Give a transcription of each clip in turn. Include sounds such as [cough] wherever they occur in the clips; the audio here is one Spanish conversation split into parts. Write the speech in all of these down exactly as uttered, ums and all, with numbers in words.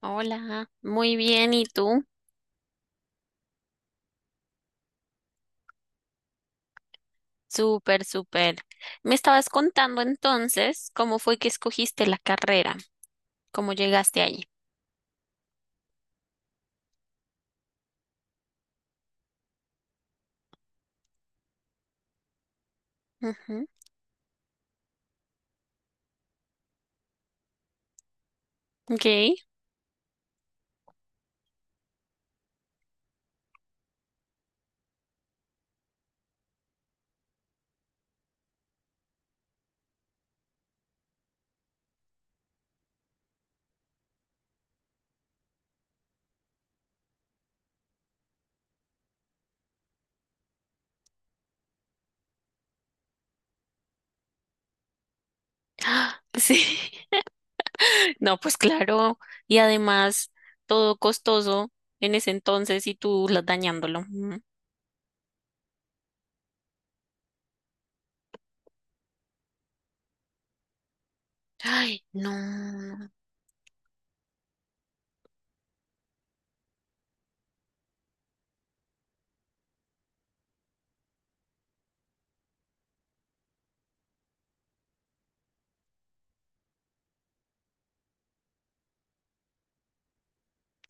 Hola, muy bien, ¿y tú? Súper, súper. Me estabas contando entonces cómo fue que escogiste la carrera, cómo llegaste allí. Ujú. Ok. [gasps] Ah, sí. [laughs] No, pues claro. Y además, todo costoso en ese entonces y tú la- dañándolo. Ujú. Ay, no.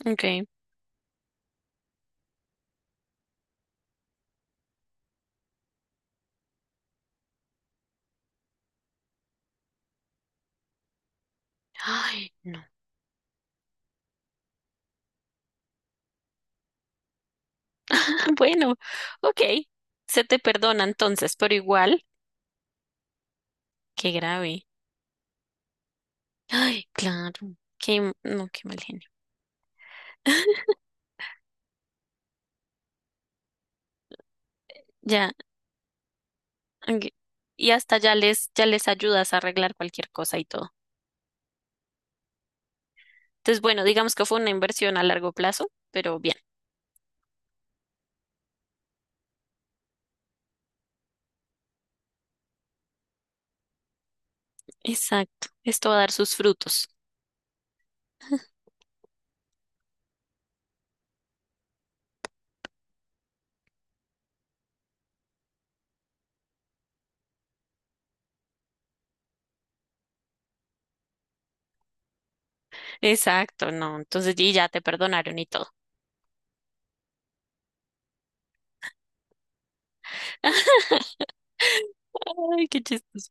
Ok. Ay, no. [laughs] Bueno, ok. Se te perdona entonces, pero igual, qué grave. Ay, claro. Qué, no, qué mal genio. [laughs] Ya, ok. Y hasta ya les, ya les ayudas a arreglar cualquier cosa y todo. Entonces, bueno, digamos que fue una inversión a largo plazo, pero bien, exacto. Esto va a dar sus frutos. Exacto, no. Entonces, y ya te perdonaron y todo. [laughs] Ay, qué chistoso.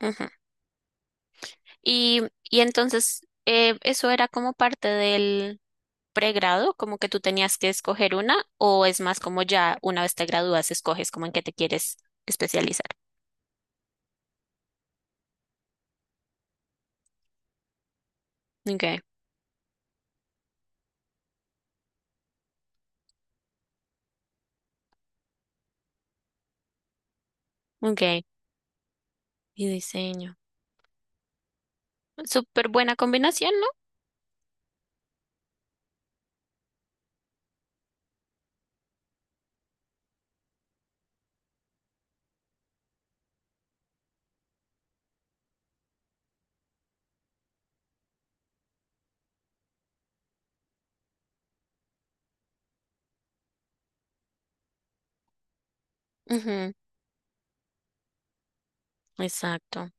Ujú. Y, y entonces, eh, eso era como parte del pregrado, como que tú tenías que escoger una, o es más como ya una vez te gradúas, escoges como en qué te quieres especializar. Okay, okay. Y diseño. Súper buena combinación, ¿no? Ujú, exacto.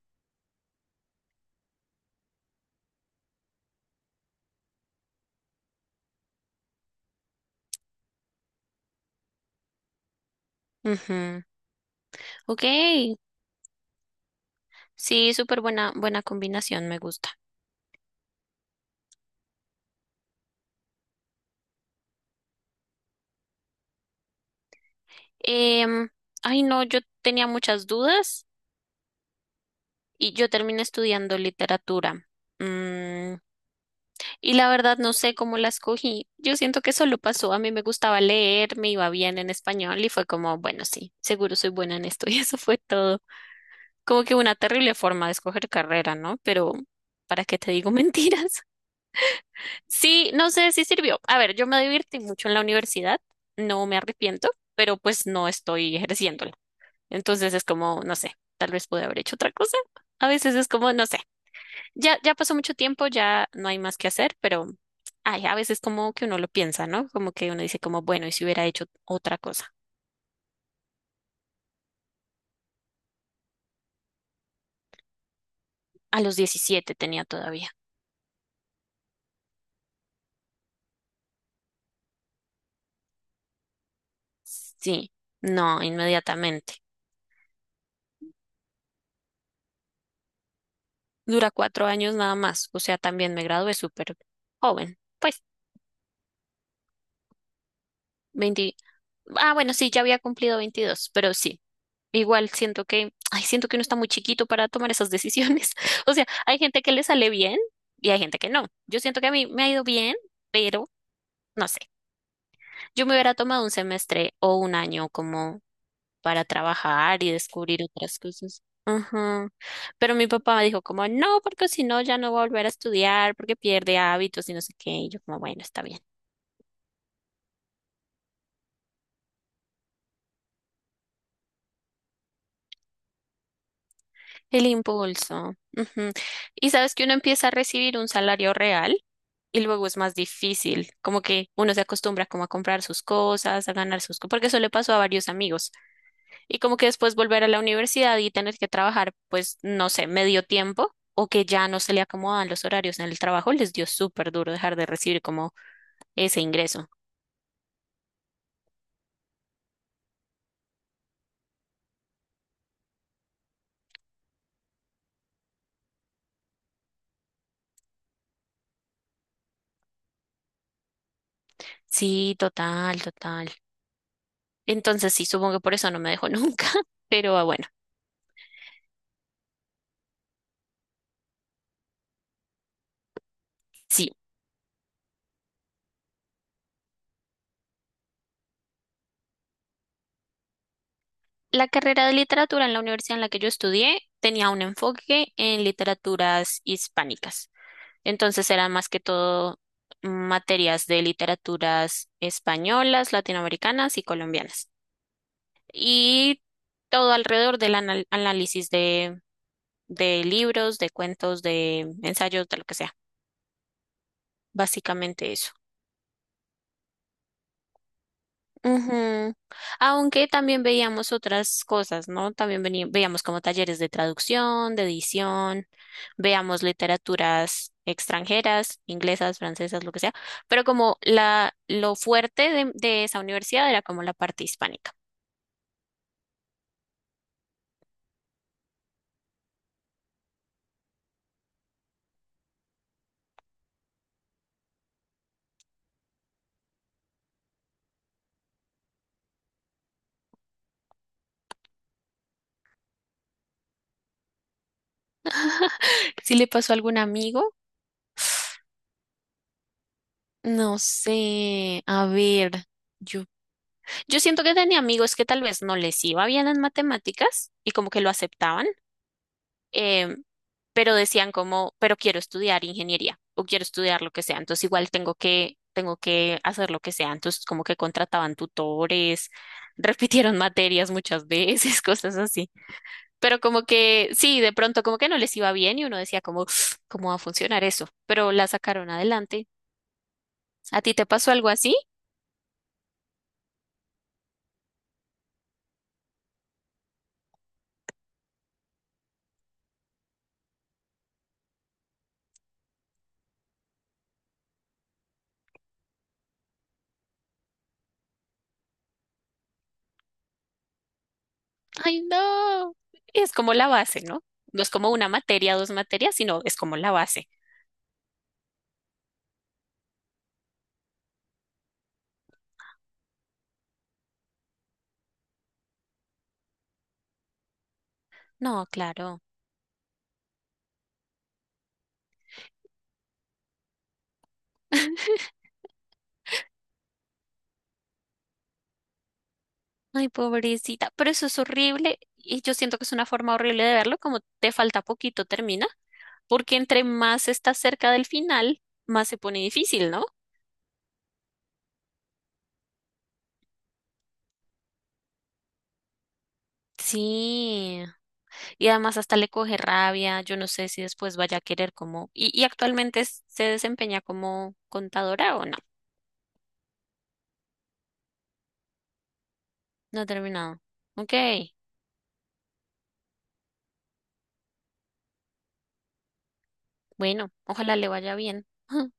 Ujú. Ok, sí, súper buena, buena combinación, me gusta. Em, ay, no, yo tenía muchas dudas y yo terminé estudiando literatura. Mm. Y la verdad no sé cómo la escogí. Yo siento que solo pasó. A mí me gustaba leer, me iba bien en español y fue como, bueno, sí, seguro soy buena en esto. [laughs] Y eso fue todo. Como que una terrible forma de escoger carrera, ¿no? Pero, ¿para qué te digo [laughs] mentiras? Sí, no sé si sirvió. A ver, yo me divertí mucho en la universidad, no me arrepiento, pero pues no estoy ejerciéndola. Entonces es como, no sé, tal vez pude haber hecho otra cosa. A veces es como, no sé. Ya, ya pasó mucho tiempo, ya no hay más que hacer, pero ay, a veces como que uno lo piensa, ¿no? Como que uno dice como, bueno, ¿y si hubiera hecho otra cosa? A los diecisiete tenía todavía. Sí, no, inmediatamente. Dura cuatro años nada más, o sea, también me gradué súper joven, pues veinte. Ah, bueno, sí, ya había cumplido veintidós pero sí, igual siento que, ay, siento que uno está muy chiquito para tomar esas decisiones. [laughs] O sea, hay gente que le sale bien y hay gente que no. Yo siento que a mí me ha ido bien, pero... No sé. Yo me hubiera tomado un semestre o un año como para trabajar y descubrir otras cosas. Ajá. Pero mi papá me dijo como, no, porque si no ya no va a volver a estudiar, porque pierde hábitos y no sé qué. Y yo como, bueno, está bien. El impulso. Ujú. Y sabes que uno empieza a recibir un salario real y luego es más difícil. Como que uno se acostumbra como a comprar sus cosas, a ganar sus cosas, porque eso le pasó a varios amigos. Y como que después volver a la universidad y tener que trabajar, pues, no sé, medio tiempo o que ya no se le acomodan los horarios en el trabajo, les dio súper duro dejar de recibir como ese ingreso. Sí, total, total. Entonces sí, supongo que por eso no me dejó nunca, [laughs] pero ah, bueno, sí. La carrera de literatura en la universidad en la que yo estudié tenía un enfoque en literaturas hispánicas. Entonces eran más que todo materias de literaturas españolas, latinoamericanas y colombianas. Y todo alrededor del anal- análisis de, de libros, de cuentos, de ensayos, de lo que sea. Básicamente eso. Ujú. Aunque también veíamos otras cosas, ¿no? También veni- veíamos como talleres de traducción, de edición. Veamos literaturas extranjeras, inglesas, francesas, lo que sea, pero como la, lo fuerte de, de esa universidad era como la parte hispánica. ¿Si le pasó a algún amigo? No sé, a ver, yo, yo siento que tenía amigos que tal vez no les iba bien en matemáticas y como que lo aceptaban. eh, pero decían como, pero quiero estudiar ingeniería o quiero estudiar lo que sea, entonces igual tengo que, tengo que hacer lo que sea, entonces como que contrataban tutores, [laughs] repitieron materias muchas veces, [laughs] cosas así, pero como que sí, de pronto como que no les iba bien y uno decía como, [sniffs] ¿cómo va a funcionar eso? Pero la sacaron adelante. ¿A ti te pasó algo así? Ay, no, es como la base, ¿no? No es como una materia, dos materias, sino es como la base. No, claro. Ay, pobrecita, pero eso es horrible y yo siento que es una forma horrible de verlo, como te falta poquito, termina, porque entre más estás cerca del final, más se pone difícil, ¿no? Sí, y además hasta le coge rabia, yo no sé si después vaya a querer como, y, y actualmente es- se desempeña como contadora o no, no ha terminado. Ok, bueno, ojalá le vaya bien. [laughs]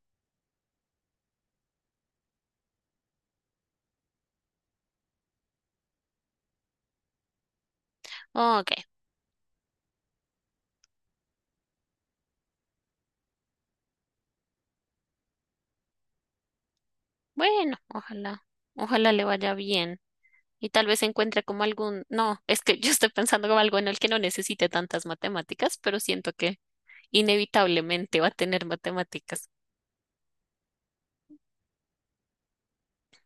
Ok, bueno, ojalá, ojalá le vaya bien. Y tal vez encuentre como algún, no, es que [laughs] yo estoy pensando como algo en el que no necesite tantas matemáticas, pero siento que inevitablemente va a tener matemáticas.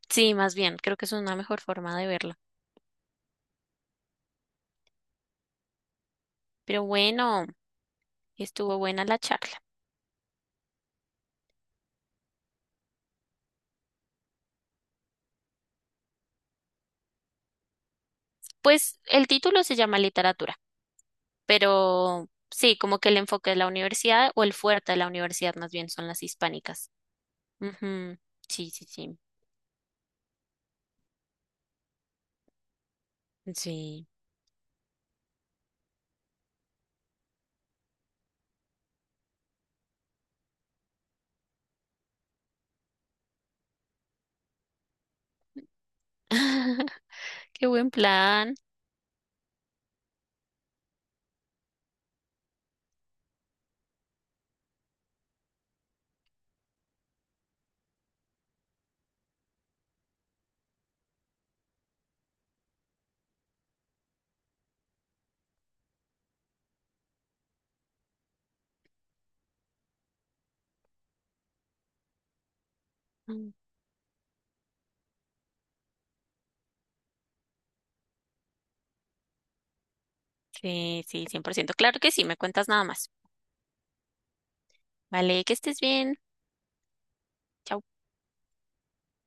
Sí, más bien, creo que es una mejor forma de verlo. Pero bueno, estuvo buena la charla. Pues el título se llama literatura, pero sí, como que el enfoque de la universidad o el fuerte de la universidad más bien son las hispánicas. Ujú. Sí, sí, sí. Sí. [laughs] Qué buen plan. Sí, sí, cien por ciento. Claro que sí, me cuentas nada más. Vale, que estés bien. Chao.